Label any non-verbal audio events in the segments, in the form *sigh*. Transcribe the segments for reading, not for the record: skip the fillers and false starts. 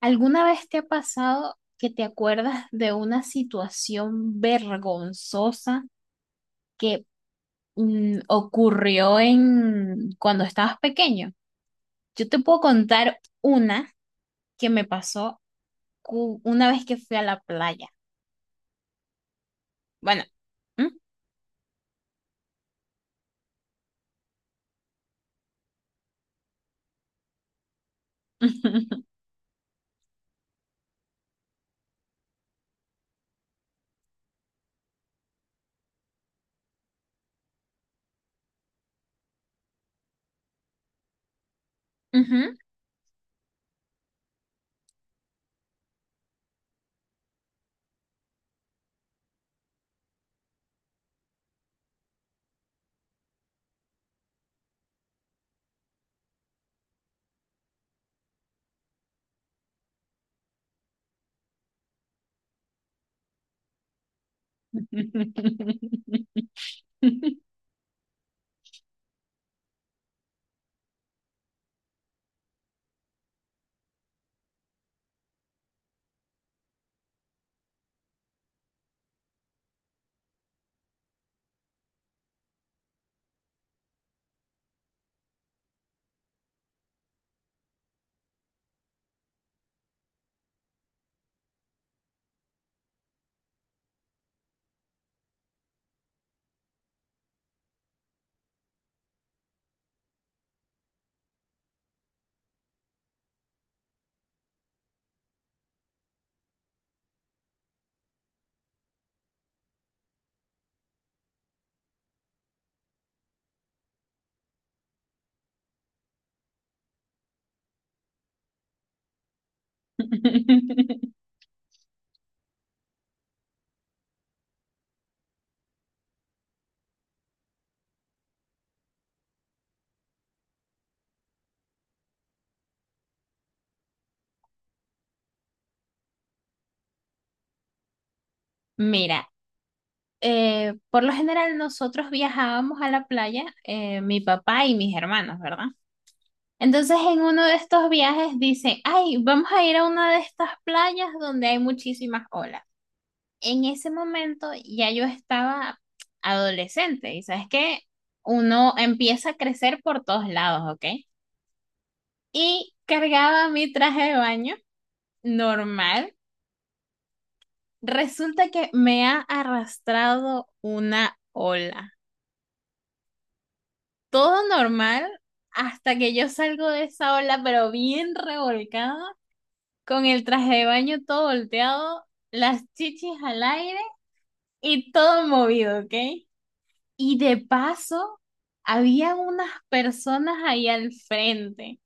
¿Alguna vez te ha pasado que te acuerdas de una situación vergonzosa que ocurrió en cuando estabas pequeño? Yo te puedo contar una que me pasó una vez que fui a la playa. Bueno. ¿Mm? *laughs* Ujú. *laughs* Mira, por lo general nosotros viajábamos a la playa, mi papá y mis hermanos, ¿verdad? Entonces en uno de estos viajes dicen, ay, vamos a ir a una de estas playas donde hay muchísimas olas. En ese momento ya yo estaba adolescente y sabes que uno empieza a crecer por todos lados, ¿ok? Y cargaba mi traje de baño normal. Resulta que me ha arrastrado una ola. Todo normal hasta que yo salgo de esa ola, pero bien revolcada, con el traje de baño todo volteado, las chichis al aire y todo movido, ¿ok? Y de paso, había unas personas ahí al frente.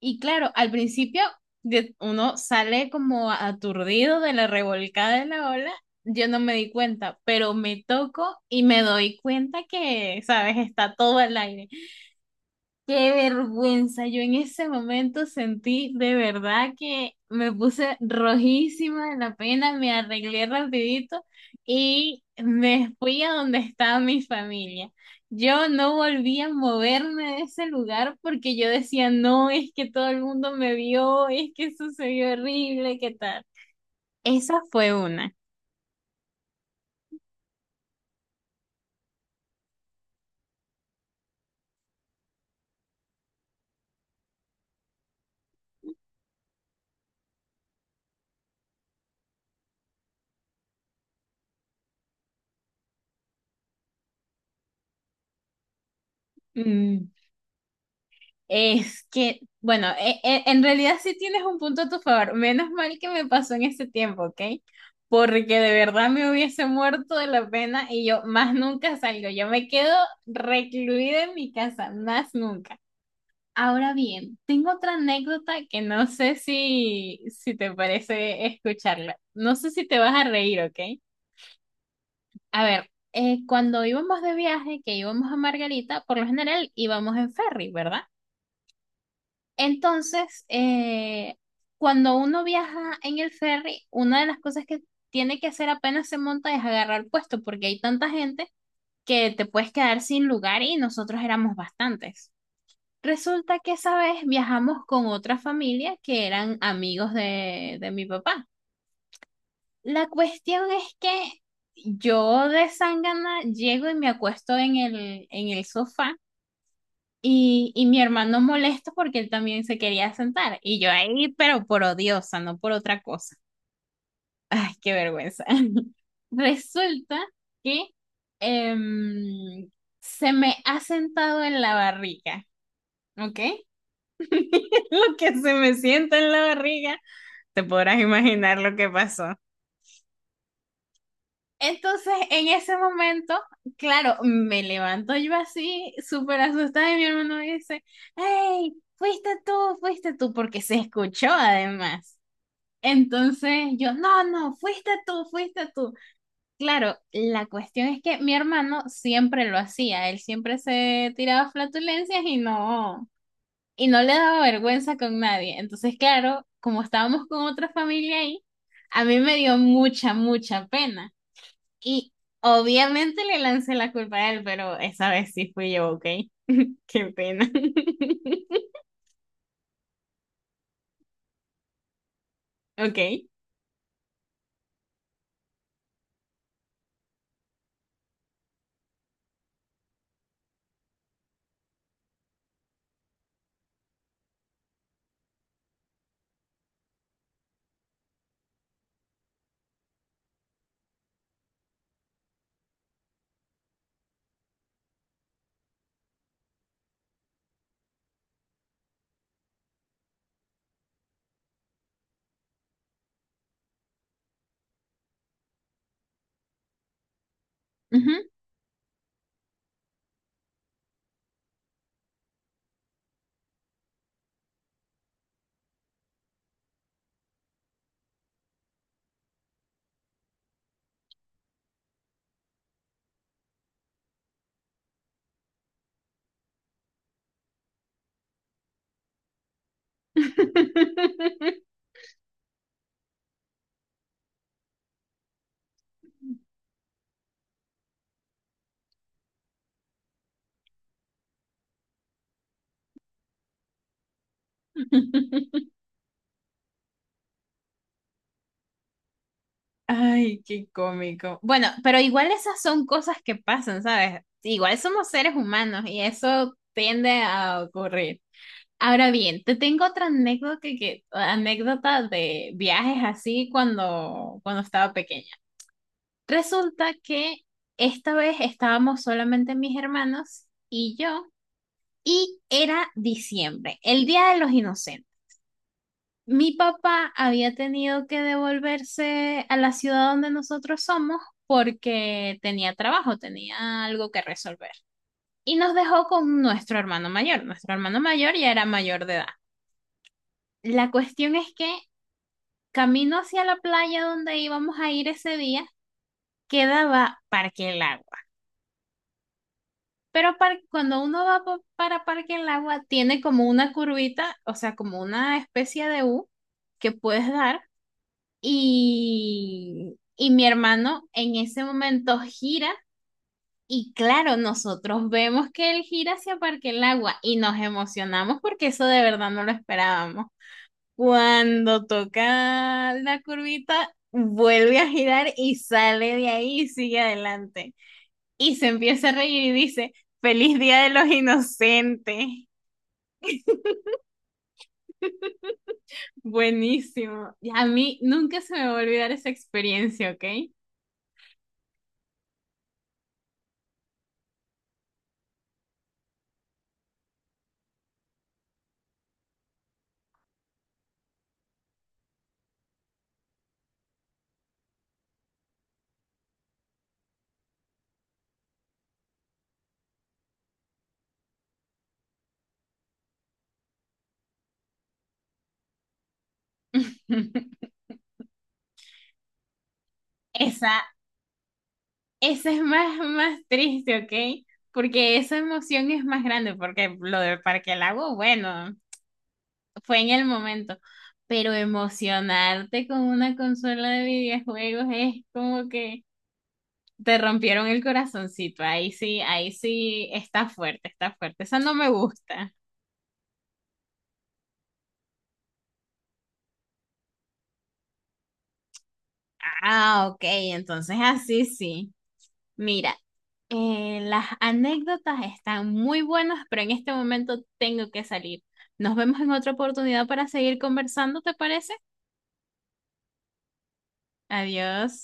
Y claro, al principio uno sale como aturdido de la revolcada de la ola. Yo no me di cuenta, pero me toco y me doy cuenta que, ¿sabes? Está todo al aire. Qué vergüenza. Yo en ese momento sentí de verdad que me puse rojísima de la pena, me arreglé rapidito y me fui a donde estaba mi familia. Yo no volví a moverme de ese lugar porque yo decía, no, es que todo el mundo me vio, es que sucedió horrible, ¿qué tal? Esa fue una. Es que, bueno, en realidad sí tienes un punto a tu favor. Menos mal que me pasó en ese tiempo, ¿ok? Porque de verdad me hubiese muerto de la pena y yo más nunca salgo. Yo me quedo recluida en mi casa, más nunca. Ahora bien, tengo otra anécdota que no sé si te parece escucharla. No sé si te vas a reír, ¿ok? A ver, cuando íbamos de viaje, que íbamos a Margarita, por lo general íbamos en ferry, ¿verdad? Entonces, cuando uno viaja en el ferry, una de las cosas que tiene que hacer apenas se monta es agarrar puesto, porque hay tanta gente que te puedes quedar sin lugar y nosotros éramos bastantes. Resulta que esa vez viajamos con otra familia que eran amigos de mi papá. La cuestión es que yo de Sangana llego y me acuesto en en el sofá y mi hermano molesto porque él también se quería sentar. Y yo ahí, pero por odiosa, no por otra cosa. Ay, qué vergüenza. *laughs* Resulta que em, se me ha sentado en la barriga, ¿ok? *laughs* Lo que se me sienta en la barriga, te podrás imaginar lo que pasó. Entonces, en ese momento, claro, me levanto yo así, súper asustada, y mi hermano dice, hey, fuiste tú, porque se escuchó además. Entonces yo, no, no, fuiste tú, fuiste tú. Claro, la cuestión es que mi hermano siempre lo hacía, él siempre se tiraba flatulencias y no le daba vergüenza con nadie. Entonces, claro, como estábamos con otra familia ahí, a mí me dio mucha, mucha pena. Y obviamente le lancé la culpa a él, pero esa vez sí fui yo, ¿ok? Qué pena. *laughs* Ok. Ujú. *laughs* Ay, qué cómico. Bueno, pero igual esas son cosas que pasan, ¿sabes? Igual somos seres humanos y eso tiende a ocurrir. Ahora bien, te tengo otra anécdota anécdota de viajes así cuando estaba pequeña. Resulta que esta vez estábamos solamente mis hermanos y yo, y era diciembre, el Día de los Inocentes. Mi papá había tenido que devolverse a la ciudad donde nosotros somos porque tenía trabajo, tenía algo que resolver. Y nos dejó con nuestro hermano mayor. Nuestro hermano mayor ya era mayor de edad. La cuestión es que camino hacia la playa donde íbamos a ir ese día, quedaba Parque Lago. Pero cuando uno va para Parque El Agua, tiene como una curvita, o sea, como una especie de U que puedes dar. Y mi hermano en ese momento gira. Y claro, nosotros vemos que él gira hacia Parque El Agua y nos emocionamos porque eso de verdad no lo esperábamos. Cuando toca la curvita, vuelve a girar y sale de ahí y sigue adelante y se empieza a reír y dice, Feliz Día de los Inocentes. Buenísimo. Y a mí nunca se me va a olvidar esa experiencia, ¿ok? *laughs* Esa, esa es más, más triste, ¿ok? Porque esa emoción es más grande, porque lo del Parque del Lago, bueno, fue en el momento. Pero emocionarte con una consola de videojuegos es como que te rompieron el corazoncito. Ahí sí está fuerte, está fuerte. Esa no me gusta. Ah, ok, entonces así sí. Mira, las anécdotas están muy buenas, pero en este momento tengo que salir. Nos vemos en otra oportunidad para seguir conversando, ¿te parece? Adiós.